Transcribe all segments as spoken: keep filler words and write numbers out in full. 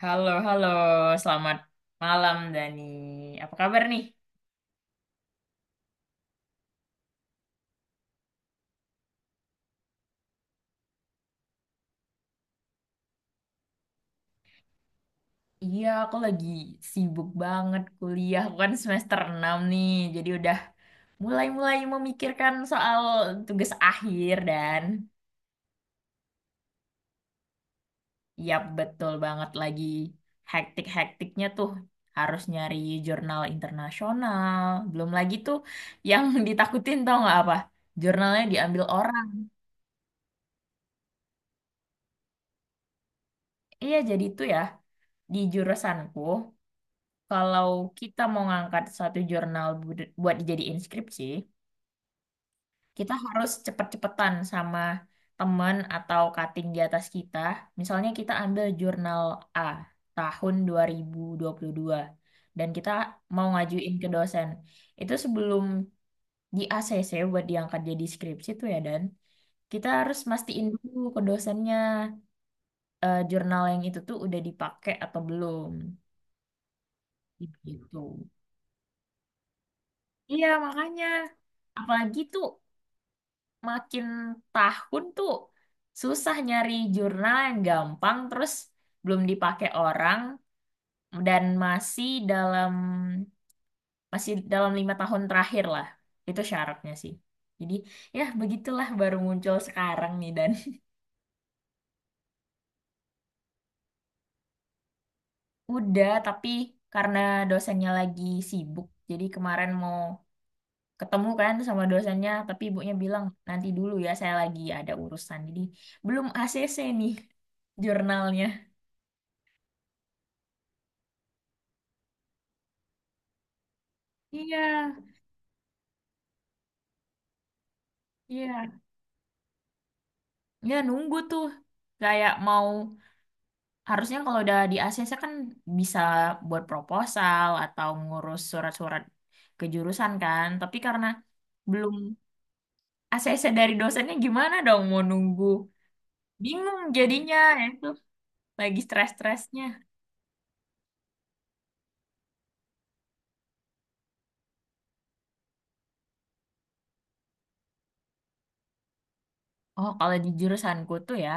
Halo, halo. Selamat malam, Dani. Apa kabar nih? Iya, aku lagi sibuk banget kuliah. Aku kan semester enam nih, jadi udah mulai-mulai memikirkan soal tugas akhir dan yap, betul banget lagi hektik-hektiknya tuh. Harus nyari jurnal internasional. Belum lagi tuh yang ditakutin tau nggak apa? Jurnalnya diambil orang. Iya, jadi itu ya, di jurusanku. Kalau kita mau ngangkat satu jurnal bud- buat dijadiin skripsi, kita harus cepet-cepetan sama temen atau cutting di atas kita. Misalnya kita ambil jurnal A tahun dua dua ribu dua puluh dua dan kita mau ngajuin ke dosen. Itu sebelum di A C C buat diangkat jadi skripsi tuh ya Dan, kita harus mastiin dulu ke dosennya eh, jurnal yang itu tuh udah dipakai atau belum. Gitu. Iya, makanya. Apalagi tuh makin tahun tuh susah nyari jurnal yang gampang terus belum dipakai orang dan masih dalam masih dalam lima tahun terakhir lah, itu syaratnya sih. Jadi ya begitulah, baru muncul sekarang nih, dan udah, tapi karena dosennya lagi sibuk jadi kemarin mau ketemu kan sama dosennya, tapi ibunya bilang nanti dulu ya, saya lagi ada urusan, jadi belum A C C nih jurnalnya. Iya, iya. Ya nunggu tuh, kayak mau, harusnya kalau udah di A C C kan bisa buat proposal atau ngurus surat-surat kejurusan kan, tapi karena belum A C C dari dosennya, gimana dong mau nunggu, bingung jadinya ya itu, lagi stres-stresnya. Oh, kalau di jurusanku tuh ya,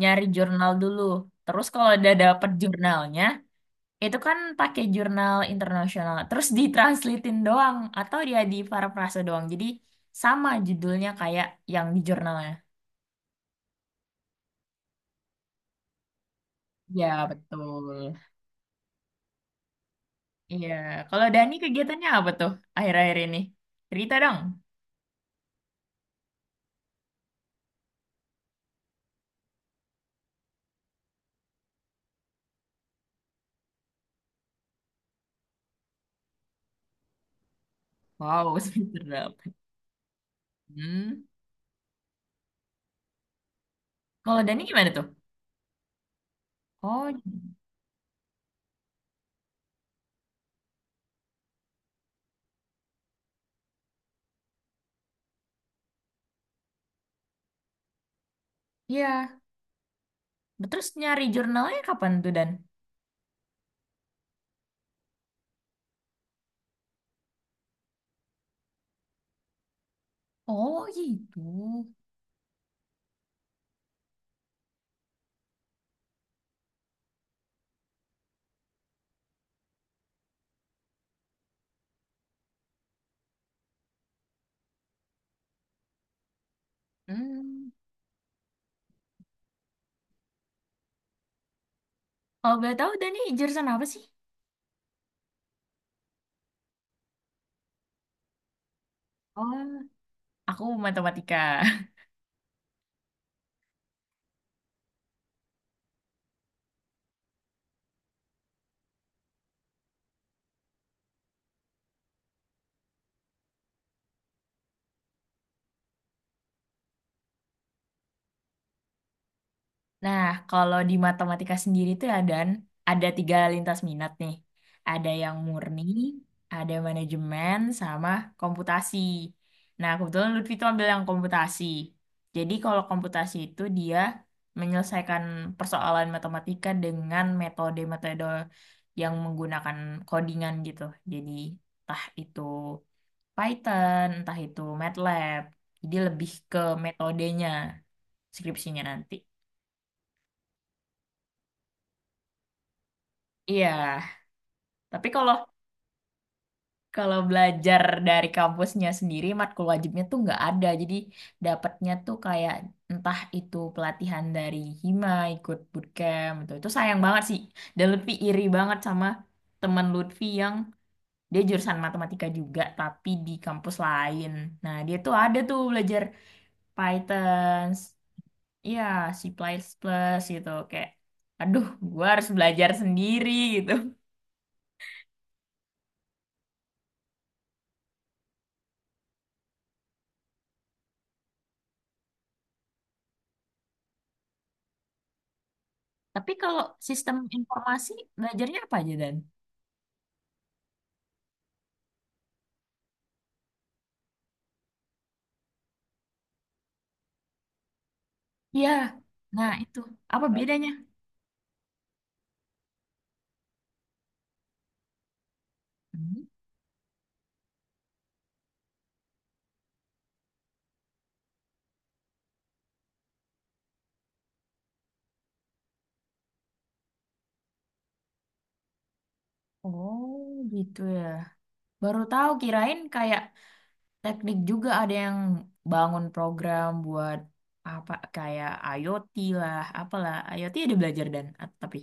nyari jurnal dulu, terus kalau udah dapet jurnalnya, itu kan pakai jurnal internasional. Terus ditranslatein doang atau dia di parafrase doang. Jadi sama judulnya kayak yang di jurnalnya. Ya, betul. Iya, kalau Dani kegiatannya apa tuh akhir-akhir ini? Cerita dong. Wow, semester berapa? Hmm. Kalau Dani gimana tuh? Oh, iya. Terus nyari jurnalnya kapan tuh, Dan? Oh, gitu. Hmm. Kalau boleh tahu, Dani jurusan apa sih? Oh, aku matematika. Nah, kalau di matematika sendiri tuh ada ada tiga lintas minat nih. Ada yang murni, ada manajemen, sama komputasi. Nah, kebetulan Lutfi tuh ambil yang komputasi. Jadi kalau komputasi itu, dia menyelesaikan persoalan matematika dengan metode-metode yang menggunakan codingan gitu. Jadi entah itu Python, entah itu MATLAB. Jadi lebih ke metodenya skripsinya nanti. Iya. Tapi kalau kalau belajar dari kampusnya sendiri, matkul wajibnya tuh nggak ada. Jadi dapatnya tuh kayak entah itu pelatihan dari Hima, ikut bootcamp itu. Itu sayang banget sih. Dan lebih iri banget sama teman Lutfi yang dia jurusan matematika juga, tapi di kampus lain. Nah, dia tuh ada tuh belajar Python, ya C++ gitu. Kayak, aduh, gua harus belajar sendiri gitu. Tapi kalau sistem informasi, belajarnya apa aja Dan? Iya, nah itu apa bedanya? Hmm. Oh gitu ya. Baru tahu, kirain kayak teknik juga ada yang bangun program buat apa kayak IoT lah, apalah. IoT ada belajar dan at- tapi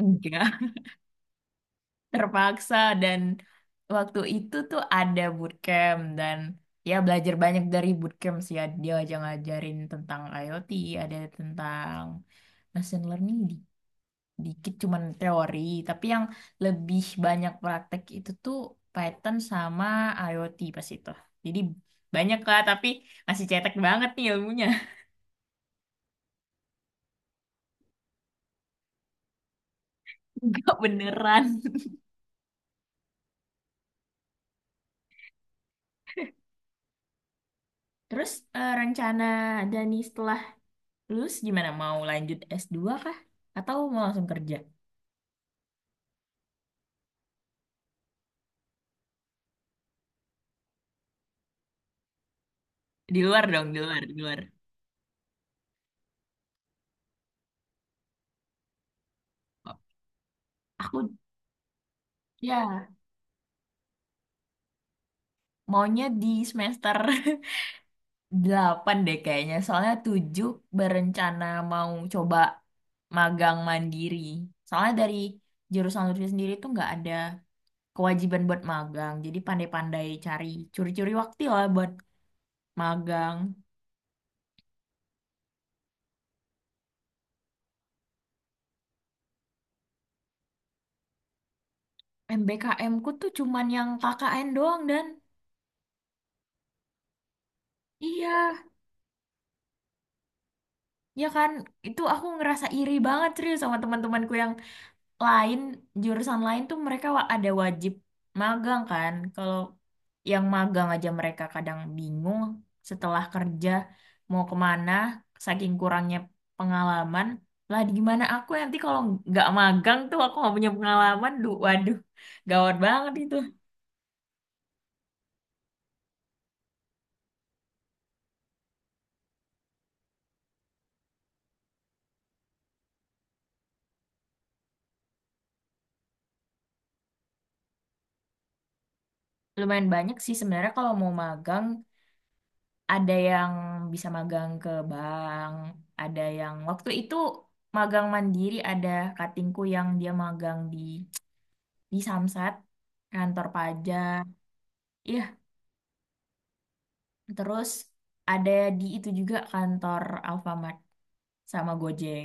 enggak. Terpaksa, dan waktu itu tuh ada bootcamp dan ya belajar banyak dari bootcamp sih, ya dia aja ngajarin tentang IoT, ada tentang machine learning dikit cuman teori, tapi yang lebih banyak praktek itu tuh Python sama IoT pas itu. Jadi banyak lah, tapi masih cetek banget nih ilmunya. Enggak beneran. Terus eh, rencana Dani setelah lulus gimana? Mau lanjut es dua kah? Atau mau langsung kerja? Di luar dong, di luar, di luar. Aku ya maunya di semester delapan deh kayaknya, soalnya tujuh berencana mau coba magang mandiri. Soalnya dari jurusan Lutfi sendiri tuh nggak ada kewajiban buat magang, jadi pandai-pandai cari curi-curi waktu lah buat magang. M B K M ku tuh cuman yang K K N doang, dan iya, ya kan, itu aku ngerasa iri banget serius sama teman-temanku yang lain, jurusan lain tuh mereka wa- ada wajib magang kan. Kalau yang magang aja mereka kadang bingung setelah kerja mau kemana, saking kurangnya pengalaman. Lah gimana aku ya, nanti kalau nggak magang tuh aku nggak punya pengalaman, duh waduh, gawat banget itu. Lumayan banyak sih sebenarnya kalau mau magang, ada yang bisa magang ke bank, ada yang waktu itu magang mandiri, ada katingku yang dia magang di di Samsat, kantor pajak. Iya, terus ada di itu juga kantor Alfamart sama Gojek.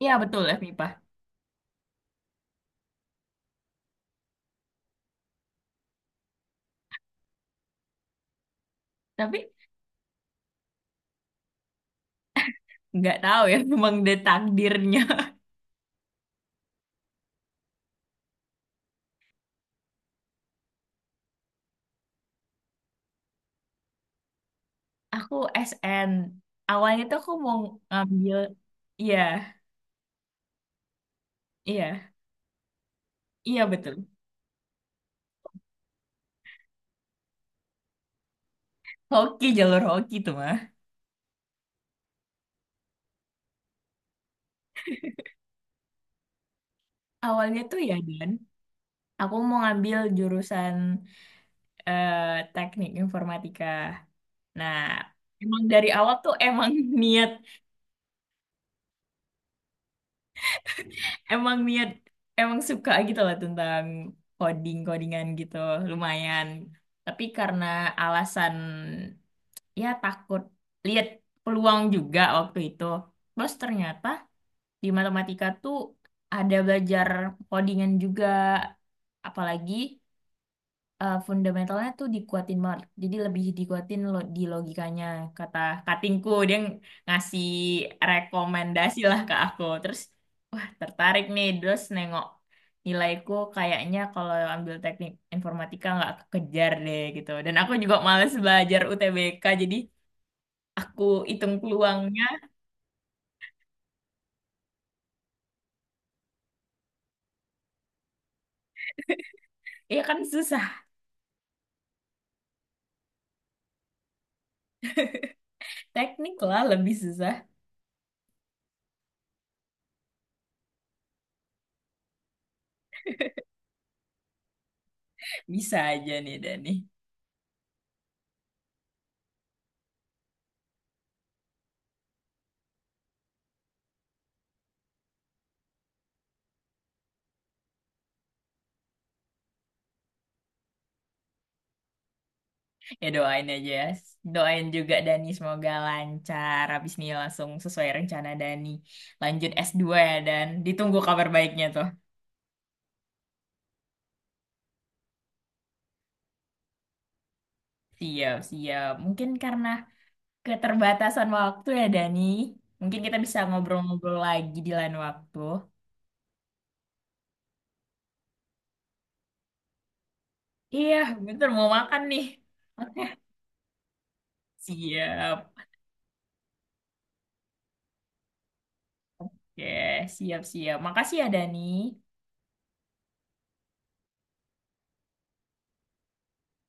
Iya, betul ef mipa. Tapi nggak tahu ya, memang udah takdirnya. Aku S N. Awalnya tuh aku mau ngambil, iya, iya, iya betul. Hoki, jalur hoki tuh mah. Awalnya tuh ya, Dan. Aku mau ngambil jurusan eh, teknik informatika. Nah, emang dari awal tuh emang niat, emang niat, emang suka gitu lah tentang coding codingan gitu lumayan, tapi karena alasan ya takut, lihat peluang juga waktu itu. Terus ternyata di matematika tuh ada belajar codingan juga, apalagi eh, fundamentalnya tuh dikuatin banget. Jadi lebih dikuatin lo, di logikanya, kata katingku, dia ng- ngasih rekomendasi lah ke aku. Terus wah tertarik nih, terus nengok nilaiku, kayaknya kalau ambil teknik informatika nggak kekejar deh gitu. Dan aku juga males belajar U T B K, jadi aku hitung peluangnya, ya kan susah. Teknik lah lebih susah. Bisa aja nih Dani. Ya doain aja ya. Doain juga Dani semoga lancar. Habis ini langsung sesuai rencana Dani. Lanjut es dua ya Dan, ditunggu kabar baiknya tuh. Siap, siap. Mungkin karena keterbatasan waktu ya Dani. Mungkin kita bisa ngobrol-ngobrol lagi di lain waktu. Iya, bentar mau makan nih. Oke, siap. Oke, siap-siap. Makasih ya Dani.